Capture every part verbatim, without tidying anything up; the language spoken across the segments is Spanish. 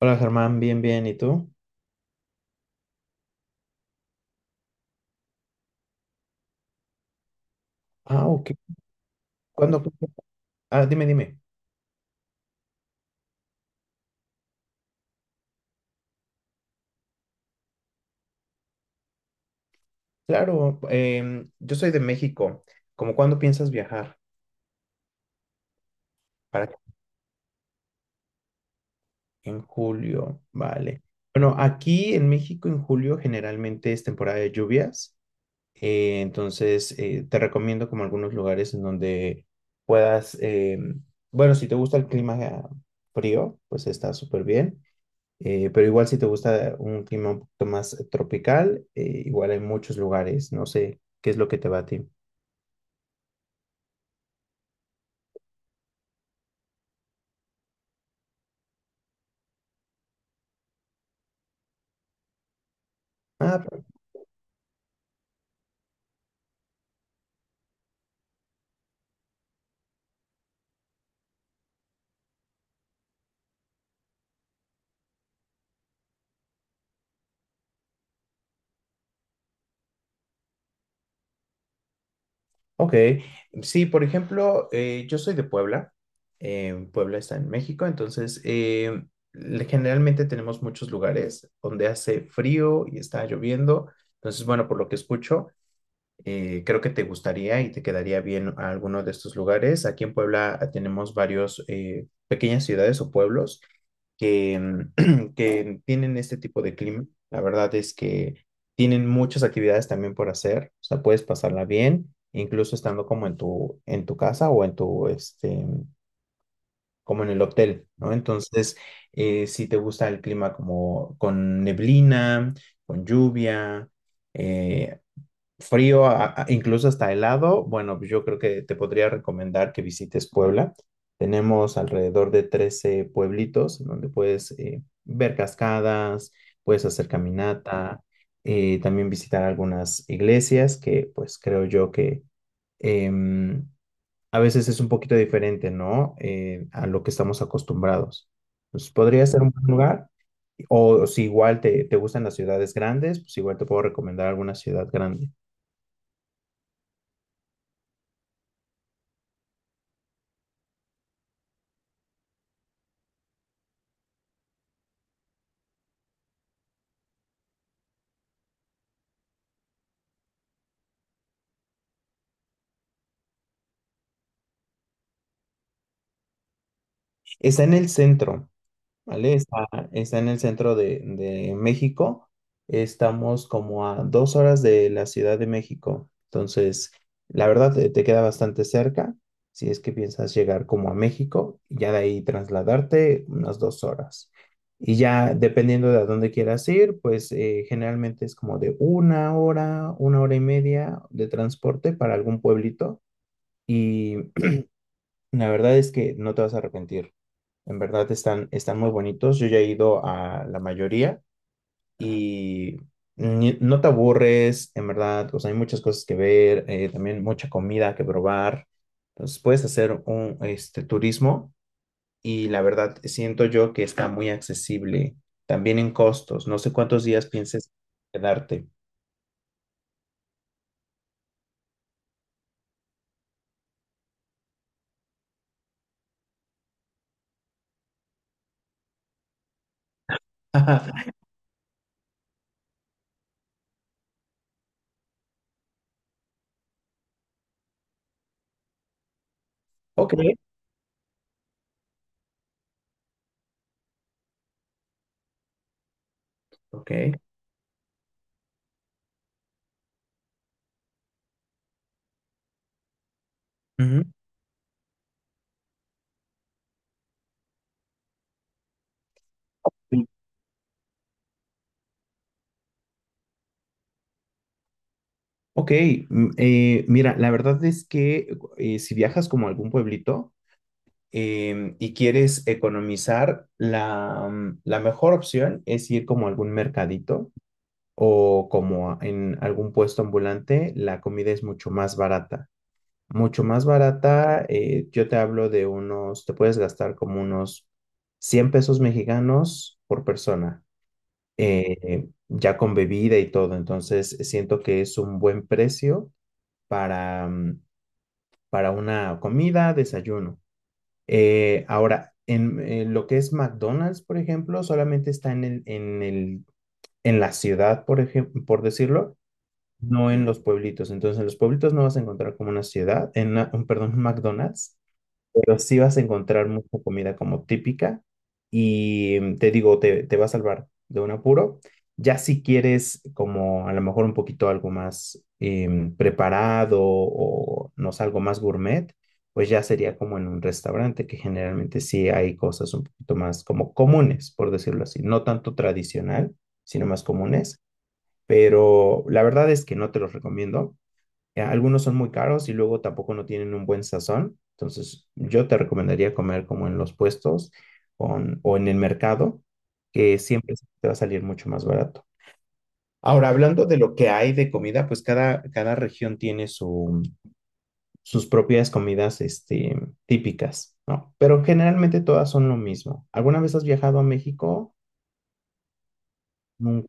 Hola Germán, bien, bien, ¿y tú? Ah, ok. ¿Cuándo? Ah, dime, dime. Claro, em, yo soy de México. ¿Cómo cuándo piensas viajar? ¿Para En julio, vale. Bueno, aquí en México en julio generalmente es temporada de lluvias, eh, entonces eh, te recomiendo como algunos lugares en donde puedas, em, bueno, si te gusta el clima eh, frío, pues está súper bien. Eh, pero igual si te gusta un clima un poquito más tropical, eh, igual hay muchos lugares, no sé, ¿qué es lo que te va a ti? Ah, ok. Sí, por ejemplo, eh, yo soy de Puebla. eh, Puebla está en México, entonces eh, le- generalmente tenemos muchos lugares donde hace frío y está lloviendo. Entonces, bueno, por lo que escucho, Eh, creo que te gustaría y te quedaría bien a alguno de estos lugares. Aquí en Puebla ah, tenemos varios eh, pequeñas ciudades o pueblos que, mm, que tienen este tipo de clima. La verdad es que tienen muchas actividades también por hacer. O sea, puedes pasarla bien, incluso estando como en tu, en tu casa o en tu, este, como en el hotel, ¿no? Entonces, eh, si te gusta el clima como con neblina, con lluvia, eh, frío, a- a- incluso hasta helado, bueno, pues yo creo que te podría recomendar que visites Puebla. Tenemos alrededor de trece pueblitos en donde puedes eh, ver cascadas, puedes hacer caminata, eh, también visitar algunas iglesias que pues creo yo que em, a veces es un poquito diferente, ¿no? Eh, a lo que estamos acostumbrados. Pues podría ser un buen lugar. O si igual te, te gustan las ciudades grandes, pues igual te puedo recomendar alguna ciudad grande. Está en el centro, ¿vale? Está, está en el centro de, de México. Estamos como a dos horas de la Ciudad de México. Entonces, la verdad, te, te queda bastante cerca. Si es que piensas llegar como a México, y ya de ahí trasladarte unas dos horas. Y ya dependiendo de a dónde quieras ir, pues eh, generalmente es como de una hora, una hora y media de transporte para algún pueblito. Y la verdad es que no te vas a arrepentir. En verdad están, están muy bonitos. Yo ya he ido a la mayoría y ni- no te aburres, en verdad. O sea, hay muchas cosas que ver, eh, también mucha comida que probar. Entonces puedes hacer un este, turismo y la verdad siento yo que está muy accesible. También en costos. No sé cuántos días pienses quedarte. Ok, ok. Ujú. Ok, mm, eh, mira, la verdad es que eh, si viajas como a algún pueblito, em, y quieres economizar, la, mm, la mejor opción es ir como a algún mercadito o como a- en algún puesto ambulante, la comida es mucho más barata. Mucho más barata, eh, yo te hablo de unos, te puedes gastar como unos cien pesos mexicanos por persona, eh, ya con bebida y todo. Entonces, siento que es un buen precio para, mm, para una comida, desayuno. Eh, ahora, en, en lo que es McDonald's, por ejemplo, solamente está en el, en el, en la ciudad, por ejemplo, por decirlo, no en los pueblitos. Entonces, en los pueblitos no vas a encontrar como una ciudad, en una- un, perdón, un McDonald's, pero sí vas a encontrar mucha comida como típica y mm, te digo, te, te va a salvar de un apuro. Ya si quieres como a lo mejor un poquito algo más em, preparado o no sé, algo más gourmet, pues ya sería como en un restaurante, que generalmente sí hay cosas un poquito más como comunes, por decirlo así, no tanto tradicional, sino más comunes, pero la verdad es que no te los recomiendo. Eh, Algunos son muy caros y luego tampoco no tienen un buen sazón. Entonces, yo te recomendaría comer como en los puestos o en, o en el mercado, que siempre te va a salir mucho más barato. Ahora, hablando de lo que hay de comida, pues cada, cada región tiene su- sus propias comidas, este, típicas, ¿no? Pero generalmente todas son lo mismo. ¿Alguna vez has viajado a México? Nunca.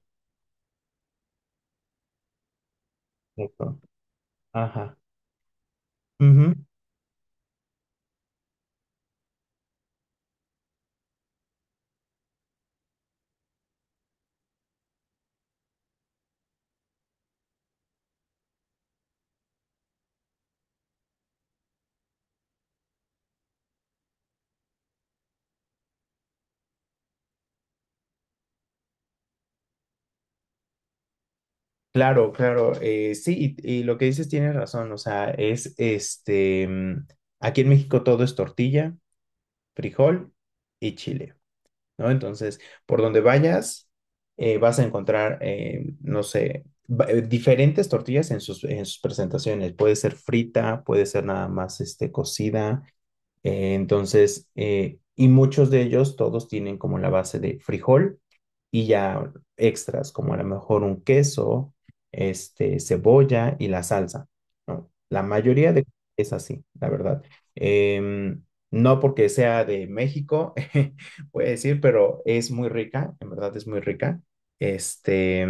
Perfecto. Ajá. Ujú. Claro, claro, eh, sí, y, y lo que dices tienes razón, o sea, es este, mm, aquí en México todo es tortilla, frijol y chile, ¿no? Entonces, por donde vayas, eh, vas a encontrar, eh, no sé, va- eh, diferentes tortillas en sus, en sus presentaciones, puede ser frita, puede ser nada más, este, cocida, eh, entonces, eh, y muchos de ellos, todos tienen como la base de frijol y ya extras, como a lo mejor un queso, este, cebolla y la salsa, ¿no? La mayoría de es así, la verdad. Em, no porque sea de México, voy a decir, pero es muy rica, en verdad es muy rica. Este,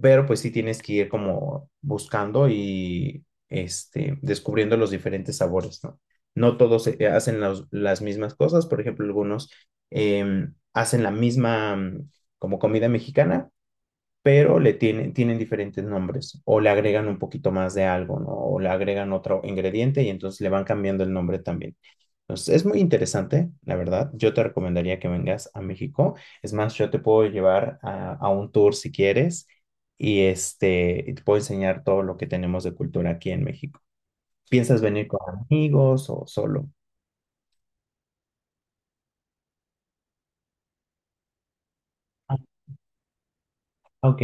pero pues sí tienes que ir como buscando y este, descubriendo los diferentes sabores, ¿no? No todos eh, hacen los- las mismas cosas, por ejemplo, algunos em, hacen la misma mm, como comida mexicana, pero le tienen, tienen diferentes nombres o le agregan un poquito más de algo, ¿no? O le agregan otro ingrediente y entonces le van cambiando el nombre también. Entonces, es muy interesante, la verdad. Yo te recomendaría que vengas a México. Es más, yo te puedo llevar a, a un tour si quieres y este, y te puedo enseñar todo lo que tenemos de cultura aquí en México. ¿Piensas venir con amigos o solo? Ah, ok.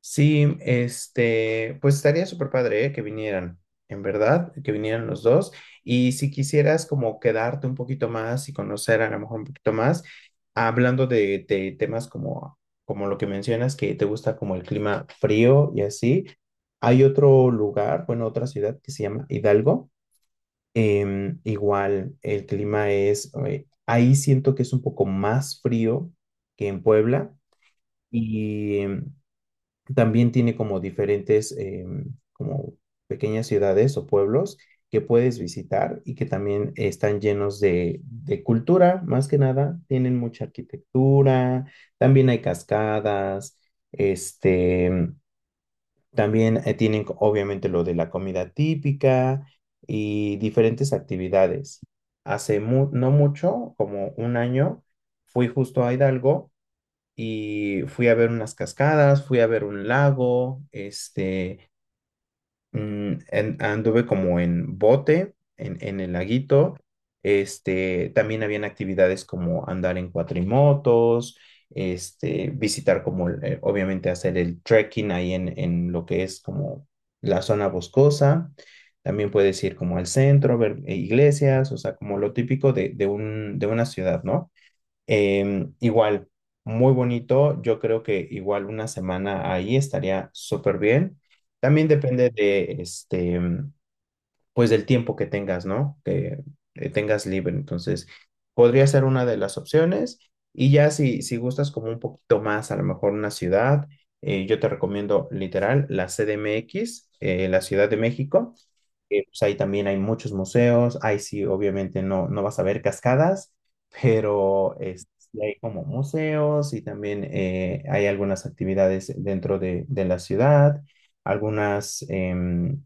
Sí, este, pues estaría súper padre, ¿eh? Que vinieran, en verdad, que vinieran los dos. Y si quisieras como quedarte un poquito más y conocer a lo mejor un poquito más, hablando de, de temas como, como lo que mencionas, que te gusta como el clima frío y así, hay otro lugar, bueno, otra ciudad que se llama Hidalgo. Em, igual el clima es, eh, ahí siento que es un poco más frío que en Puebla. Y em, también tiene como diferentes, em, como pequeñas ciudades o pueblos que puedes visitar y que también están llenos de, de cultura, más que nada. Tienen mucha arquitectura, también hay cascadas, este, también eh, tienen co- obviamente lo de la comida típica y diferentes actividades. Hace mu- no mucho, como un año, fui justo a Hidalgo y fui a ver unas cascadas, fui a ver un lago, este, mm, en- anduve como en bote, en, en el laguito, este, también habían actividades como andar en cuatrimotos, este, visitar como, el- eh, obviamente hacer el trekking ahí en, en lo que es como la zona boscosa. También puedes ir como al centro, ver eh, iglesias, o sea, como lo típico de, de un, de una ciudad, ¿no? Em, igual, muy bonito. Yo creo que igual una semana ahí estaría súper bien. También depende de este, pues del tiempo que tengas, ¿no? Que eh, tengas libre. Entonces, podría ser una de las opciones. Y ya si, si, gustas como un poquito más, a lo mejor una ciudad, eh, yo te recomiendo literal la C D M X, eh, la Ciudad de México eh, pues ahí también hay muchos museos, ahí sí, obviamente no, no vas a ver cascadas, pero es- sí hay como museos y también eh, hay algunas actividades dentro de, de la ciudad, algunas, em,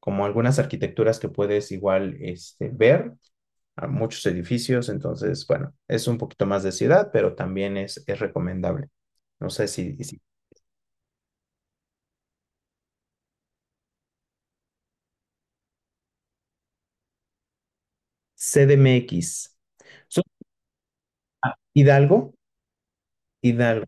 como algunas arquitecturas que puedes igual este, ver, a muchos edificios, entonces, bueno, es un poquito más de ciudad, pero también es, es recomendable. No sé si, si- C D M X. So- Hidalgo, Hidalgo.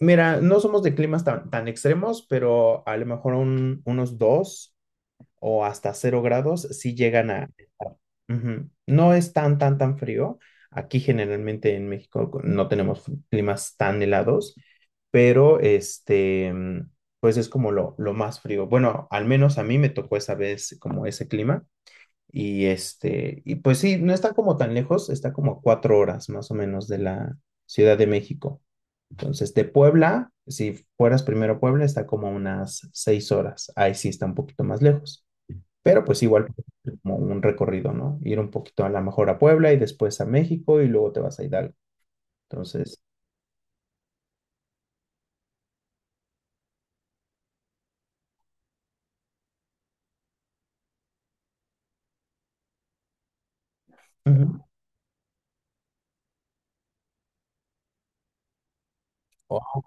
Mira, no somos de climas tan, tan extremos, pero a lo mejor un- unos dos o hasta cero grados sí llegan a estar. Ujú. No es tan, tan, tan frío. Aquí generalmente en México co- no tenemos fr- climas tan helados, pero este, mm, pues es como lo, lo más frío. Bueno, al menos a mí me tocó esa vez como ese clima. Y este, y pues sí, no está como tan lejos, está como a cuatro horas más o menos de la Ciudad de México. Entonces, de Puebla, si fueras primero a Puebla, está como a unas seis horas. Ahí sí está un poquito más lejos. Pero pues igual como un recorrido, ¿no? Ir un poquito a la mejor a Puebla y después a México y luego te vas a Hidalgo. Entonces, ujú. Oh,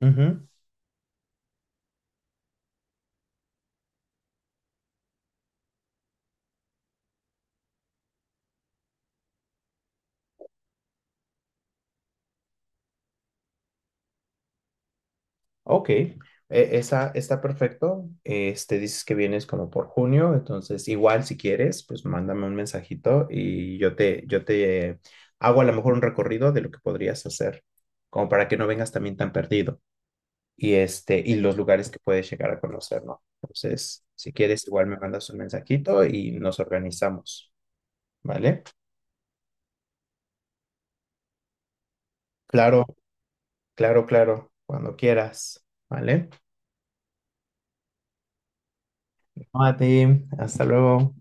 ujú. Ok, E- esa está perfecto. Este, dices que vienes como por junio, entonces igual si quieres, pues mándame un mensajito y yo te, yo te hago a lo mejor un recorrido de lo que podrías hacer, como para que no vengas también tan perdido. y, este, y los lugares que puedes llegar a conocer, ¿no? Entonces, si quieres, igual me mandas un mensajito y nos organizamos, ¿vale? Claro, claro, claro, cuando quieras, ¿vale? No, a ti, hasta luego.